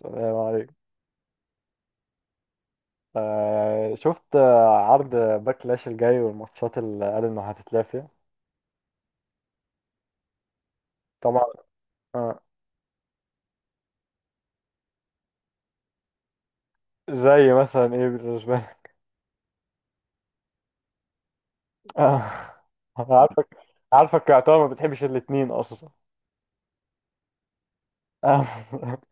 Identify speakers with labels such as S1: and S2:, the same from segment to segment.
S1: تمام عليك. شفت، عرض باكلاش الجاي والماتشات اللي قالوا انها هتتلعب فيها. طبعا. آه. زي مثلا ايه بالنسبه لك؟ آه. أنا عارفك. عارفك، يا طبعا ما بتحبش الاتنين اصلا. آه.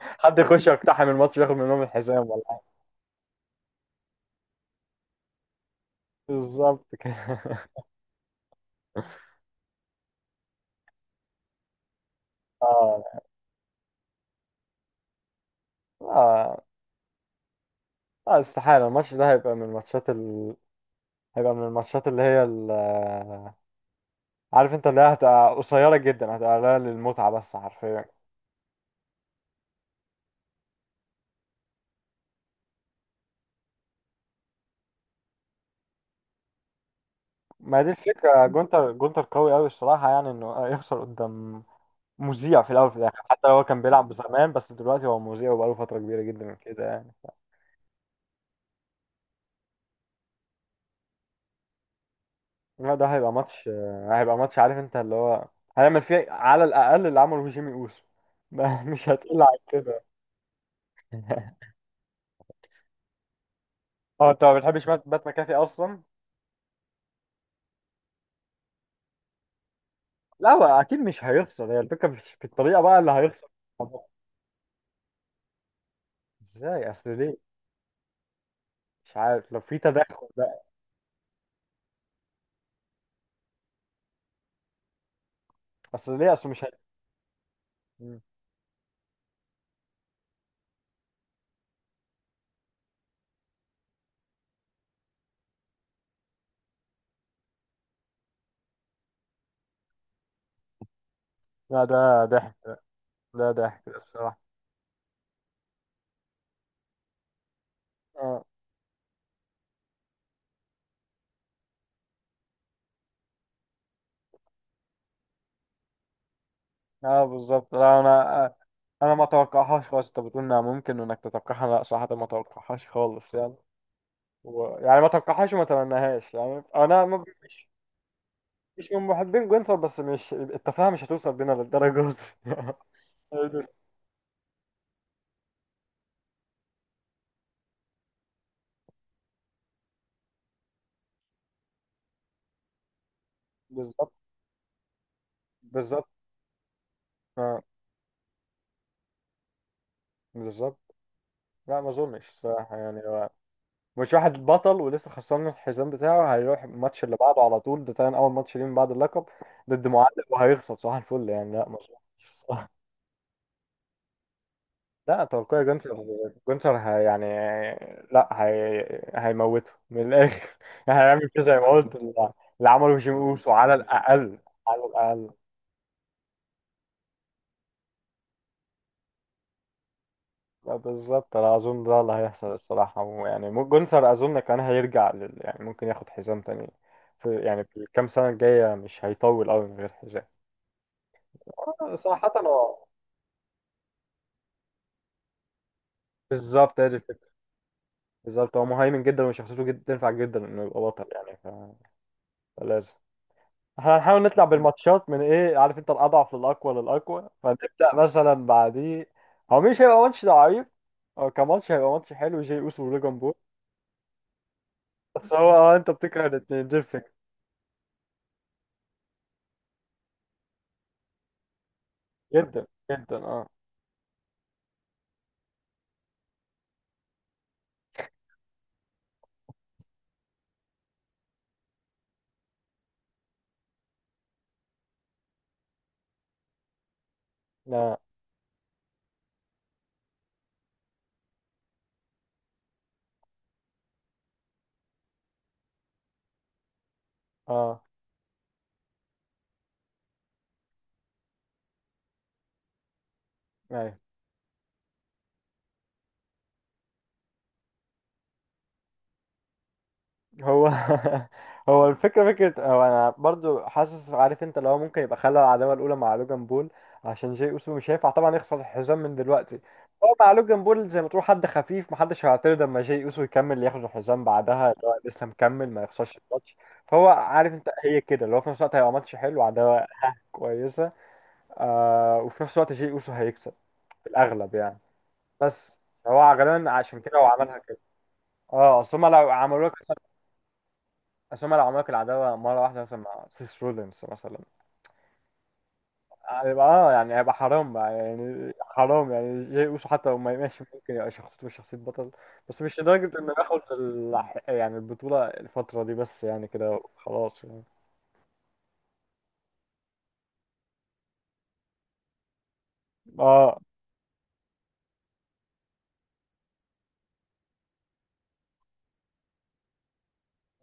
S1: حد يخش يقتحم الماتش وياخد منهم الحزام ولا حاجة. بالظبط كده. آه. آه. آه، استحالة الماتش ده هيبقى من الماتشات هيبقى من الماتشات اللي هي ال... آه، عارف انت اللي هي هتبقى قصيرة جدا، هتبقى قليلة للمتعة بس حرفيا. ما دي الفكرة، جونتر قوي قوي الصراحة، يعني انه يخسر قدام مذيع في الاول وفي الاخر. حتى لو هو كان بيلعب زمان بس دلوقتي هو مذيع وبقاله فترة كبيرة جدا من كده يعني. لا ده هيبقى ماتش، هيبقى ماتش، عارف انت اللي هو هيعمل فيه على الاقل اللي عمله في جيمي اوسو. مش هتقل عن كده. اه انت ما بتحبش بات مكافي اصلا. لا هو اكيد مش هيخسر، هي الفكرة مش في الطريقة بقى اللي هيخسر. ازاي؟ اصل ليه؟ مش عارف لو في تدخل بقى. اصل ليه؟ اصل مش هي... لا ده ضحك. ده ضحك الصراحة. اه اه بالظبط. لا انا انا ما توقعهاش خالص. انت بتقول انها ممكن انك تتوقعها، لا صراحة ما توقعهاش خالص يعني. يعني ما توقعهاش وما تمناهاش يعني. انا ما ب- مش مش من محبين جونثر، بس مش التفاهة مش هتوصل بينا للدرجة دي. بالظبط. بالظبط. اه بالظبط. لا ما اظنش الصراحة يعني. مش واحد بطل ولسه خسران من الحزام بتاعه هيروح الماتش اللي بعده على طول، ده تاني اول ماتش ليه من بعد اللقب، ضد معلق، وهيخسر؟ صح الفل يعني، لا ما اظنش. لا توقعي جونسر. جونسر هي يعني، لا هي هيموته من الاخر. يعني هيعمل كده زي ما قلت اللي عمله جيم اوسو على الاقل. على الاقل. لا بالظبط، انا اظن ده اللي هيحصل الصراحه يعني. جونسر اظن كان هيرجع يعني ممكن ياخد حزام تاني في يعني في الكام سنه الجايه، مش هيطول قوي من غير حزام. صراحه هو بالظبط هي دي الفكره. بالظبط، هو مهيمن جدا وشخصيته جدا تنفع جدا انه يبقى بطل يعني فلازم. احنا هنحاول نطلع بالماتشات من ايه عارف انت، الاضعف للاقوى للاقوى، فنبدا مثلا بعديه. هو مش هيبقى ماتش ضعيف. هو كماتش هيبقى ماتش حلو، جي اوسو ولوجان بول. بس هو اه، انت بتكره الاثنين دي الفكره. جدا جدا اه. لا اه. أيوة. هو هو الفكرة فكرة، هو أنا برضو حاسس عارف أنت اللي هو ممكن يبقى خلى العداوة الأولى مع لوجان بول عشان جاي أوسو مش هينفع طبعا يخسر الحزام من دلوقتي. هو مع لوجان بول زي ما تقول حد خفيف، محدش هيعترض لما جاي أوسو يكمل ياخد الحزام بعدها اللي هو لسه مكمل ما يخسرش الماتش. فهو عارف أنت هي كده اللي هو في نفس الوقت هيبقى ماتش حلو، عداوة ها كويسة. آه، وفي نفس الوقت جاي أوسو هيكسب في الأغلب يعني. بس هو غالبا عشان كده هو عملها كده. اه اصل هما لو عملوا لك، بس هما لو عملوا العداوة مرة واحدة مثلا مع سيس رولينز مثلا هيبقى اه يعني هيبقى حرام بقى، يعني حرام يعني. جاي اوسو حتى لو ما ماشي ممكن يبقى شخصيته مش شخصية بطل، بس مش لدرجة انه ياخد يعني البطولة الفترة دي، بس يعني كده خلاص يعني. اه.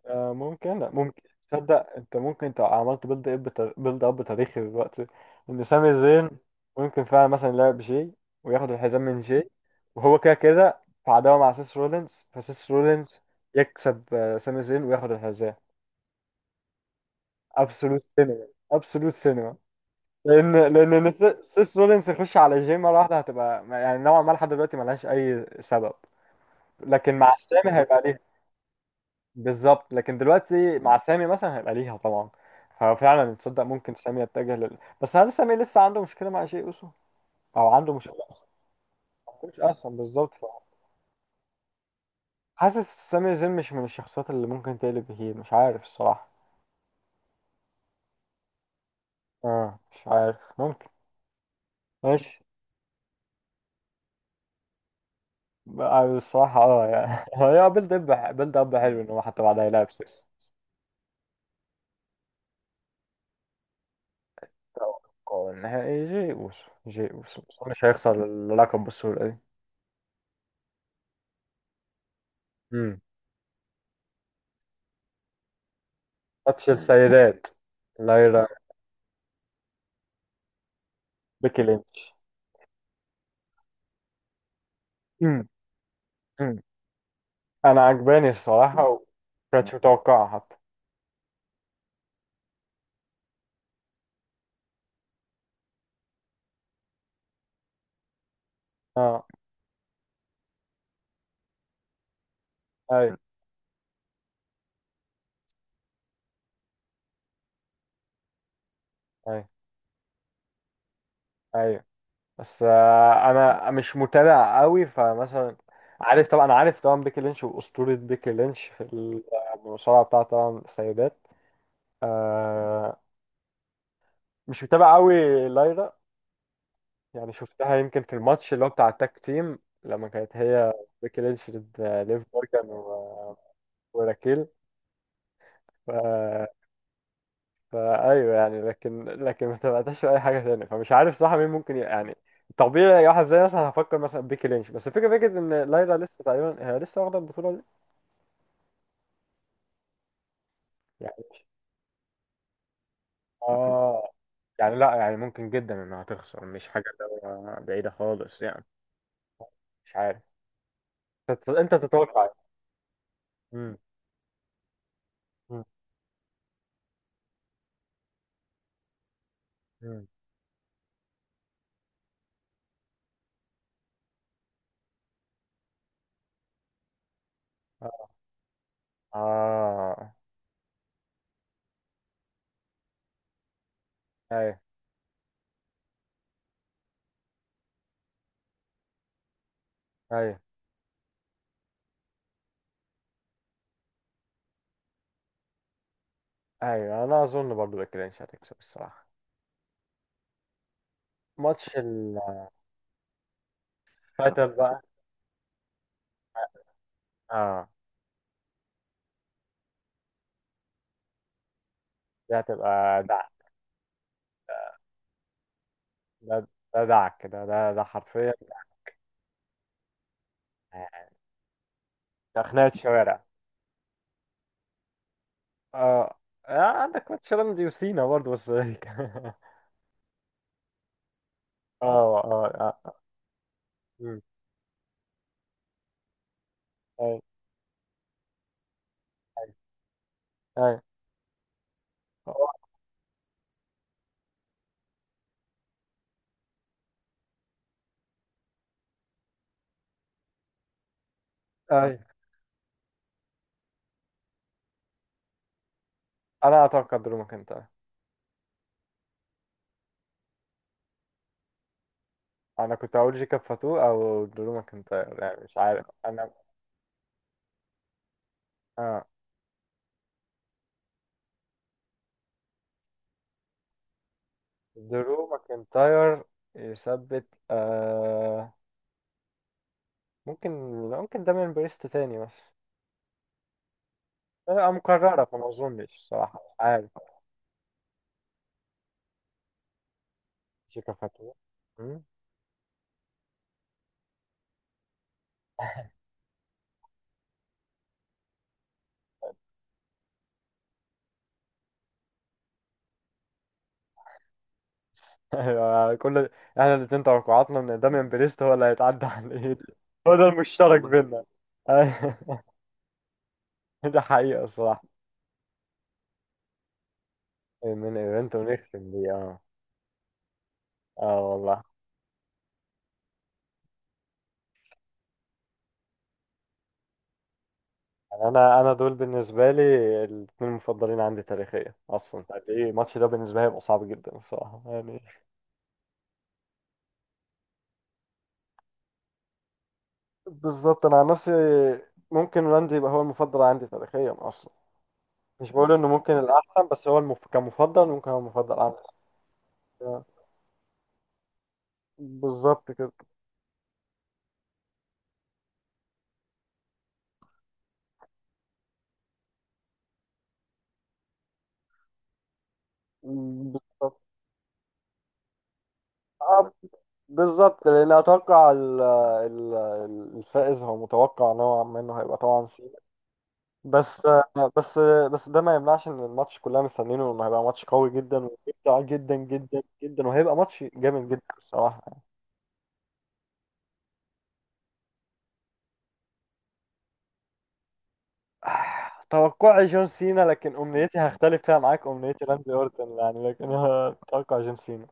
S1: آه، ممكن. لا ممكن. تصدق انت ممكن، انت عملت بيلد اب بيلد اب تاريخي دلوقتي. ان سامي زين ممكن فعلا مثلا يلعب جي وياخد الحزام من جي. وهو كده كده في عداوه مع سيس رولينز، فسيس رولينز يكسب، سامي زين وياخد الحزام. ابسولوت سينما. ابسولوت سينما. لان سيس رولينز يخش على جي مره واحده هتبقى يعني نوعا ما لحد دلوقتي ملهاش اي سبب. لكن مع سامي هيبقى، بالظبط، لكن دلوقتي مع سامي مثلا هيبقى ليها طبعا. ففعلا تصدق ممكن سامي يتجه بس هل سامي لسه عنده مشكله مع شيء اوسو؟ او عنده مشكله اصلا؟ ما كنتش اصلا بالظبط حاسس سامي زين مش من الشخصيات اللي ممكن تقلب هيل، مش عارف الصراحه. اه مش عارف، ممكن. ماشي. بقى الصراحه اه يعني هي بيلد اب بيلد اب حلو ان هو حتى بعدها يلعب سيس. توقع النهائي جي اوسو. جي اوسو، بس هو مش هيخسر اللقب بالسهوله دي. امم. ماتش السيدات. لايرا، بيكي لينش. امم. امم. انا عجباني الصراحه. وكانتش متوقعه حتى. اه ايوه ايوه ايوه. بس آه انا مش متابع قوي فمثلا. عارف طبعا، انا عارف طبعا بيكي لينش واسطوره. بيكي لينش في المصارعه بتاعه طبعا السيدات. آه مش متابع قوي. لايرا يعني شفتها يمكن في الماتش اللي هو بتاع التاك تيم، لما كانت هي بيكي لينش ضد ليف مورجان وراكيل. آه، فايوه يعني، لكن ما تبعتش في اي حاجه تانية، فمش عارف صح مين ممكن يعني طبيعي واحد زي مثلا هفكر مثلا بيكي لينش. بس الفكره فكره ان لايلا لسه تقريبا هي لسه واخده البطوله دي يعني اه يعني لا يعني ممكن جدا انها تخسر، مش حاجه اللي هو بعيده خالص يعني. مش عارف. انت تتوقع. امم. امم. أمم. اه ايوه ايوه ايوه. انا اظن برضه بيكي لينش هتكسب الصراحه. ماتش الفاتل. بقى اه. دي هتبقى، ده ده دعك ده ده ده حرفيا. ده خناقة شوارع. اه. آه، عندك ماتش رمزي وسينا برضه بس اه. اه اه. مم. اي اي اي. انا اتوقع درو ماكنتاير. انا كنت هقول جيكاب فاتو او درو ماكنتاير يعني مش عارف انا. اه درو ماكنتاير يثبت آه. ممكن. ممكن دامين بريست تاني بس آه مكررة فما اظنش صراحة مش عارف. جيكاب فاتو. أيوة، كل، احنا الاتنين توقعاتنا ان داميان بريست هو اللي هيتعدى على الايد. هو ده المشترك بينا. أيوة. ده حقيقة الصراحة. من ايفنت ونختم بيه اه. اه والله. يعني انا دول بالنسبة لي الاتنين المفضلين عندي تاريخيا اصلا. قد ايه الماتش ده بالنسبة لي هيبقى صعب جدا الصراحة يعني. بالظبط انا عن نفسي. ممكن راندي يبقى هو المفضل عندي تاريخيا اصلا. مش بقول انه ممكن الاحسن، بس هو كمفضل ممكن هو المفضل عندي. بالظبط كده. آه، بالظبط، لان اتوقع الفائز هو متوقع نوعا ما انه هيبقى طبعا سينا. بس بس بس ده ما يمنعش ان الماتش كلنا مستنيينه انه هيبقى ماتش قوي جدا وممتع جدا جدا جدا وهيبقى ماتش جامد جدا بصراحه. آه، توقعي جون سينا، لكن امنيتي هختلف فيها معاك. امنيتي راندي اورتن يعني، لكن انا اتوقع جون سينا.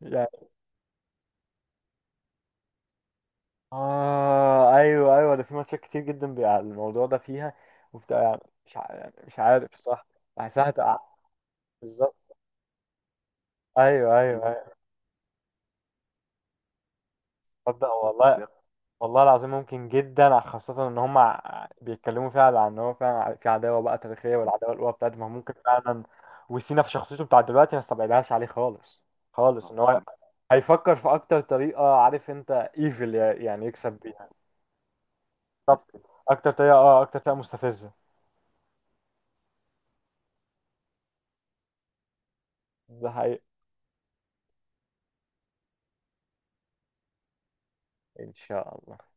S1: يعني اه ايوه ايوه، ده في ماتشات كتير جدا بيبقى الموضوع ده فيها وبتاع يعني، مش ع- يعني مش عارف الصراحه، بحسها. بالظبط ايوه ايوه ايوه. تصدق والله، والله العظيم ممكن جدا خاصة ان هم بيتكلموا فعلا عن ان هو فعلا في عداوة بقى تاريخية، والعداوة القوى بتاعتهم ممكن فعلا. وسينا في شخصيته بتاع دلوقتي ما استبعدهاش عليه خالص. خالص ان هو هيفكر في اكتر طريقة عارف انت، ايفل يعني يكسب بيها. طب اكتر طريقة اه، اكتر طريقة مستفزة. ده حقيقي. ان شاء الله.